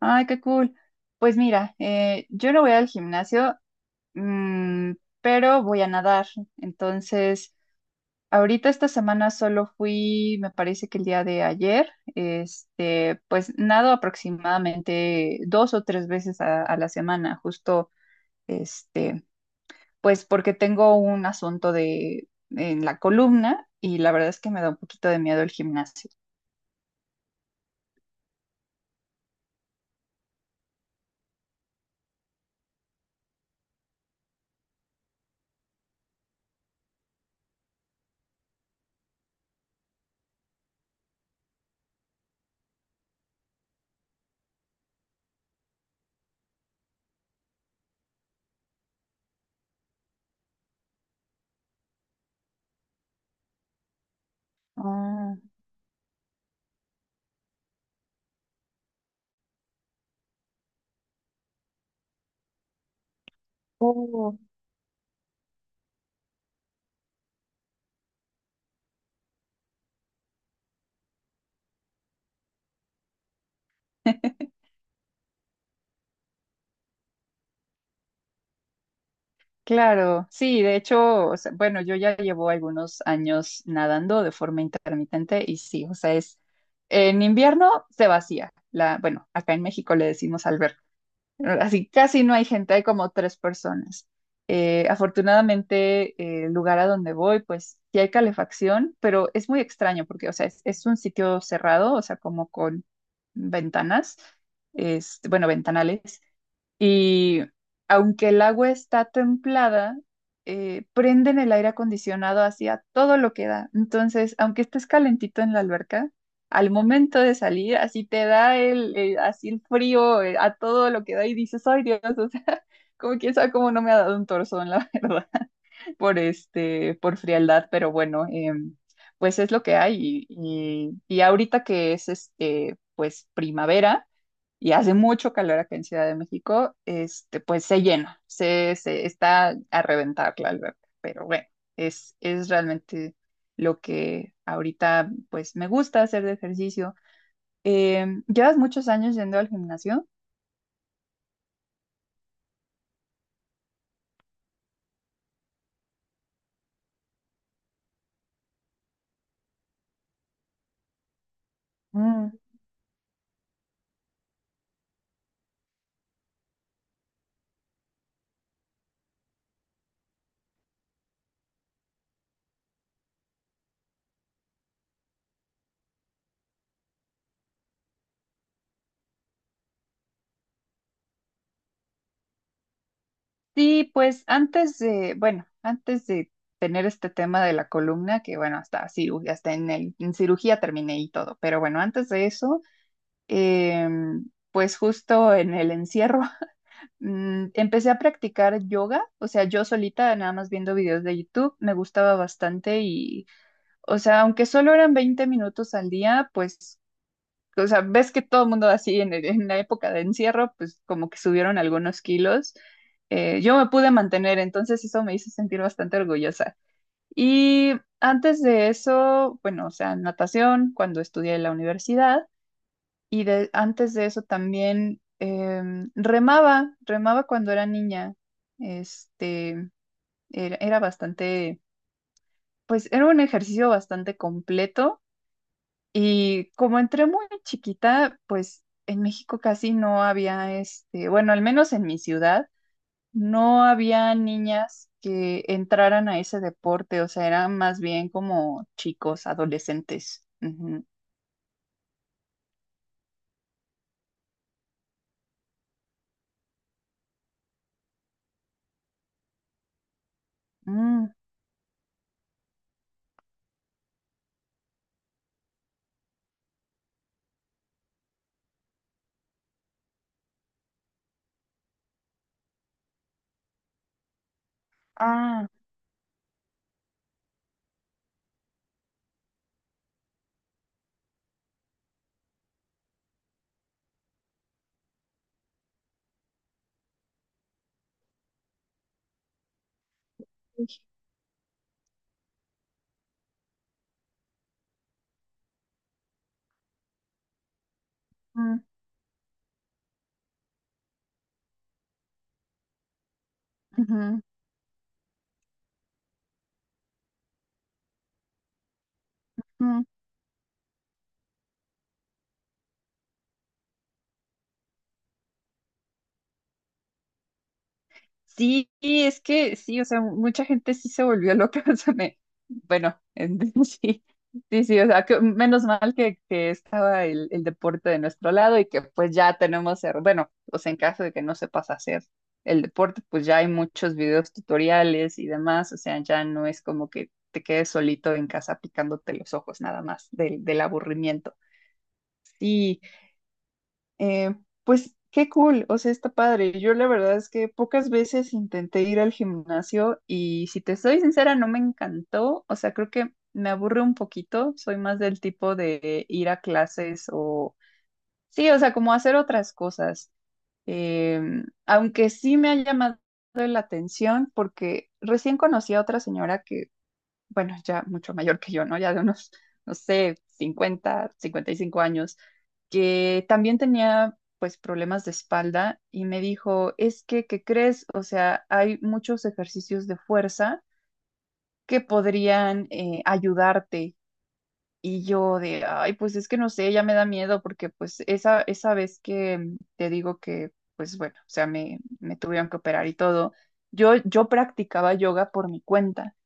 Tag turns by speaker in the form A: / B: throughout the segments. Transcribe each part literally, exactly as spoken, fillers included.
A: Ay, qué cool. Pues mira, eh, yo no voy al gimnasio, mm, pero voy a nadar. Entonces, ahorita esta semana solo fui, me parece que el día de ayer, este, pues nado aproximadamente dos o tres veces a, a la semana, justo, este, pues porque tengo un asunto de en la columna y la verdad es que me da un poquito de miedo el gimnasio. Ah, oh. Claro, sí, de hecho, o sea, bueno, yo ya llevo algunos años nadando de forma intermitente y sí, o sea, es en invierno se vacía la, bueno, acá en México le decimos alberca, así casi no hay gente, hay como tres personas. Eh, afortunadamente, eh, el lugar a donde voy, pues sí hay calefacción, pero es muy extraño porque, o sea, es, es un sitio cerrado, o sea, como con ventanas, es, bueno, ventanales y aunque el agua está templada, eh, prenden el aire acondicionado hacia todo lo que da. Entonces, aunque estés calentito en la alberca, al momento de salir, así te da el, eh, así el frío, eh, a todo lo que da y dices, ay Dios, o sea, como quién sabe cómo no me ha dado un torzón, la verdad, por este, por frialdad, pero bueno, em, pues es lo que hay. Y, y, y ahorita que es este, pues primavera y hace mucho calor acá en Ciudad de México, este, pues se llena, se, se está a reventar la alberca, pero bueno, es, es realmente lo que ahorita pues me gusta hacer de ejercicio. Eh, ¿llevas muchos años yendo al gimnasio? Mm. Sí, pues antes de, bueno, antes de tener este tema de la columna, que bueno, hasta cirugía, hasta en el, en cirugía terminé y todo, pero bueno, antes de eso, em, pues justo en el encierro. Mm, empecé a practicar yoga, o sea, yo solita, nada más viendo videos de YouTube, me gustaba bastante y, o sea, aunque solo eran veinte minutos al día, pues, o sea, ves que todo el mundo así en, el- en la época de encierro, pues como que subieron algunos kilos. Eh, yo me pude mantener, entonces eso me hizo sentir bastante orgullosa. Y antes de eso, bueno, o sea, natación, cuando estudié en la universidad. Y de, antes de eso también em, remaba, remaba cuando era niña. Este, era, era bastante, pues era un ejercicio bastante completo. Y como entré muy chiquita, pues en México casi no había, este, bueno, al menos en mi ciudad, no había niñas que entraran a ese deporte. O sea, eran más bien como chicos, adolescentes. Ujú. Mm, ah, ujú, ujú, ujú. Sí, y es que sí, o sea, mucha gente sí se volvió loca, o sea, me- bueno, en- sí, sí, sí, o sea, que menos mal que, que estaba el, el deporte de nuestro lado y que pues ya tenemos, her- bueno, o sea, en caso de que no sepas hacer el deporte, pues ya hay muchos videos tutoriales y demás, o sea, ya no es como que te quedes solito en casa picándote los ojos nada más del, del aburrimiento. Sí, eh, pues qué cool, o sea, está padre. Yo la verdad es que pocas veces intenté ir al gimnasio y si te soy sincera, no me encantó. O sea, creo que me aburre un poquito. Soy más del tipo de ir a clases o sí, o sea, como hacer otras cosas. Em, aunque sí me ha llamado la atención porque recién conocí a otra señora que bueno, ya mucho mayor que yo, ¿no? Ya de unos, no sé, cincuenta cincuenta y cinco años, que también tenía pues problemas de espalda y me dijo, es que, ¿qué crees? O sea, hay muchos ejercicios de fuerza que podrían eh, ayudarte. Y yo de, ay, pues es que no sé, ya me da miedo porque pues esa, esa vez que mm, te digo que, pues bueno, o sea, me, me tuvieron que operar y todo, yo, yo practicaba yoga por mi cuenta.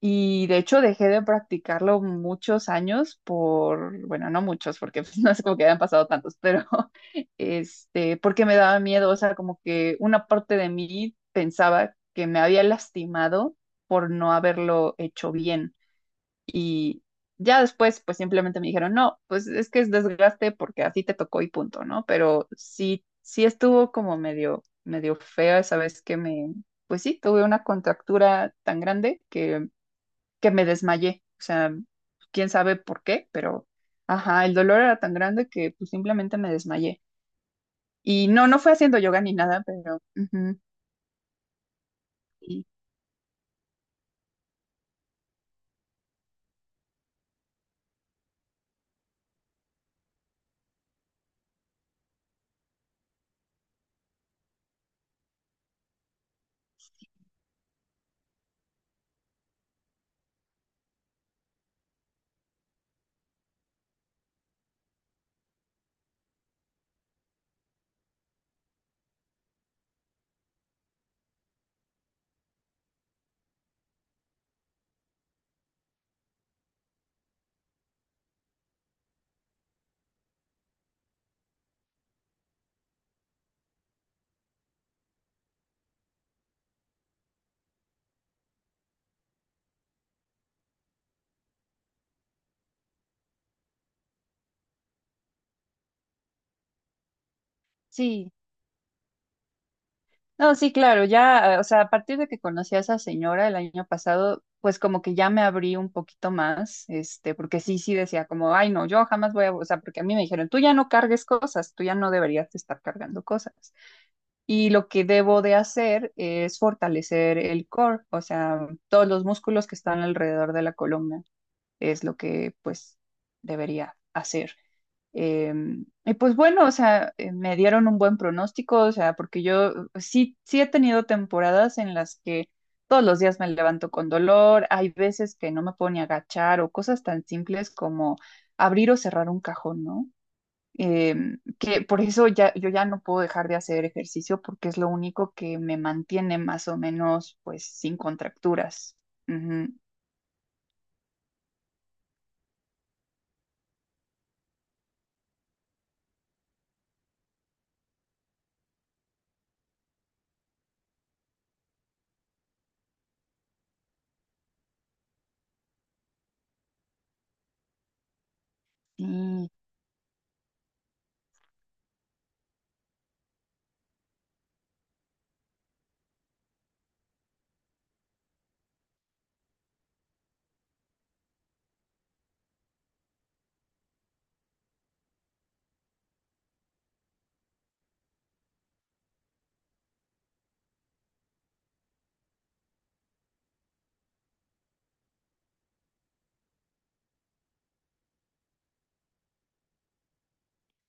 A: Y de hecho dejé de practicarlo muchos años por, bueno, no muchos, porque pues, no es como que hayan pasado tantos, pero este, porque me daba miedo, o sea, como que una parte de mí pensaba que me había lastimado por no haberlo hecho bien. Y ya después, pues simplemente me dijeron, no, pues es que es desgaste porque así te tocó y punto, ¿no? Pero sí, sí estuvo como medio, medio fea esa vez que me, pues sí, tuve una contractura tan grande que que me desmayé. O sea, quién sabe por qué, pero ajá, el dolor era tan grande que pues simplemente me desmayé. Y no, no fue haciendo yoga ni nada, pero ujú, y sí. No, sí, claro, ya, eh, o sea, a partir de que conocí a esa señora el año pasado, pues como que ya me abrí un poquito más, este, porque sí, sí decía como, ay, no, yo jamás voy a, o sea, porque a mí me dijeron, tú ya no cargues cosas, tú ya no deberías de estar cargando cosas. Y lo que debo de hacer es fortalecer el core, o sea, todos los músculos que están alrededor de la columna es lo que pues debería hacer. Em, y pues bueno, o sea, eh, me dieron un buen pronóstico, o sea, porque yo sí, sí he tenido temporadas en las que todos los días me levanto con dolor, hay veces que no me puedo ni agachar o cosas tan simples como abrir o cerrar un cajón, ¿no? Em, que por eso ya, yo ya no puedo dejar de hacer ejercicio porque es lo único que me mantiene más o menos pues sin contracturas. Ujú. Sí.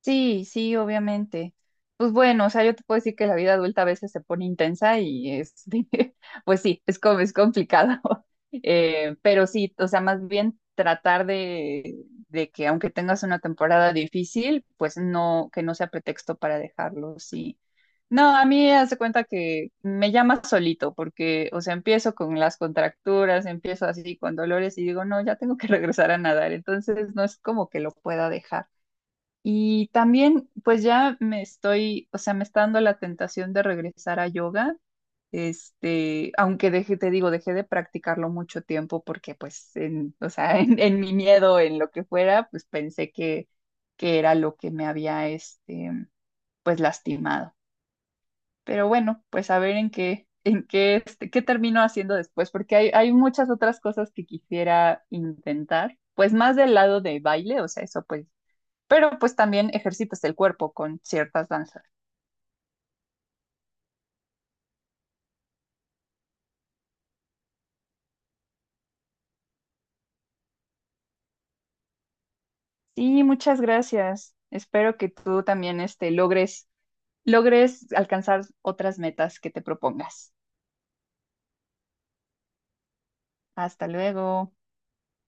A: Sí, sí, obviamente. Pues bueno, o sea, yo te puedo decir que la vida adulta a veces se pone intensa y este, pues sí, es como es complicado. Eh, pero sí, o sea, más bien tratar de, de que aunque tengas una temporada difícil, pues no, que no sea pretexto para dejarlo, sí. No, a mí hace cuenta que me llama solito, porque, o sea, empiezo con las contracturas, empiezo así con dolores y digo, no, ya tengo que regresar a nadar, entonces no es como que lo pueda dejar. Y también, pues ya me estoy, o sea, me está dando la tentación de regresar a yoga, este, aunque dejé, te digo, dejé de practicarlo mucho tiempo porque, pues, en, o sea, en, en mi miedo, en lo que fuera, pues pensé que, que, era lo que me había, este, pues lastimado. Pero bueno, pues a ver en qué, en qué, este, qué termino haciendo después, porque hay, hay muchas otras cosas que quisiera intentar, pues más del lado de baile, o sea, eso pues pero pues también ejercitas el cuerpo con ciertas danzas. Sí, muchas gracias. Espero que tú también este, logres, logres alcanzar otras metas que te propongas. Hasta luego.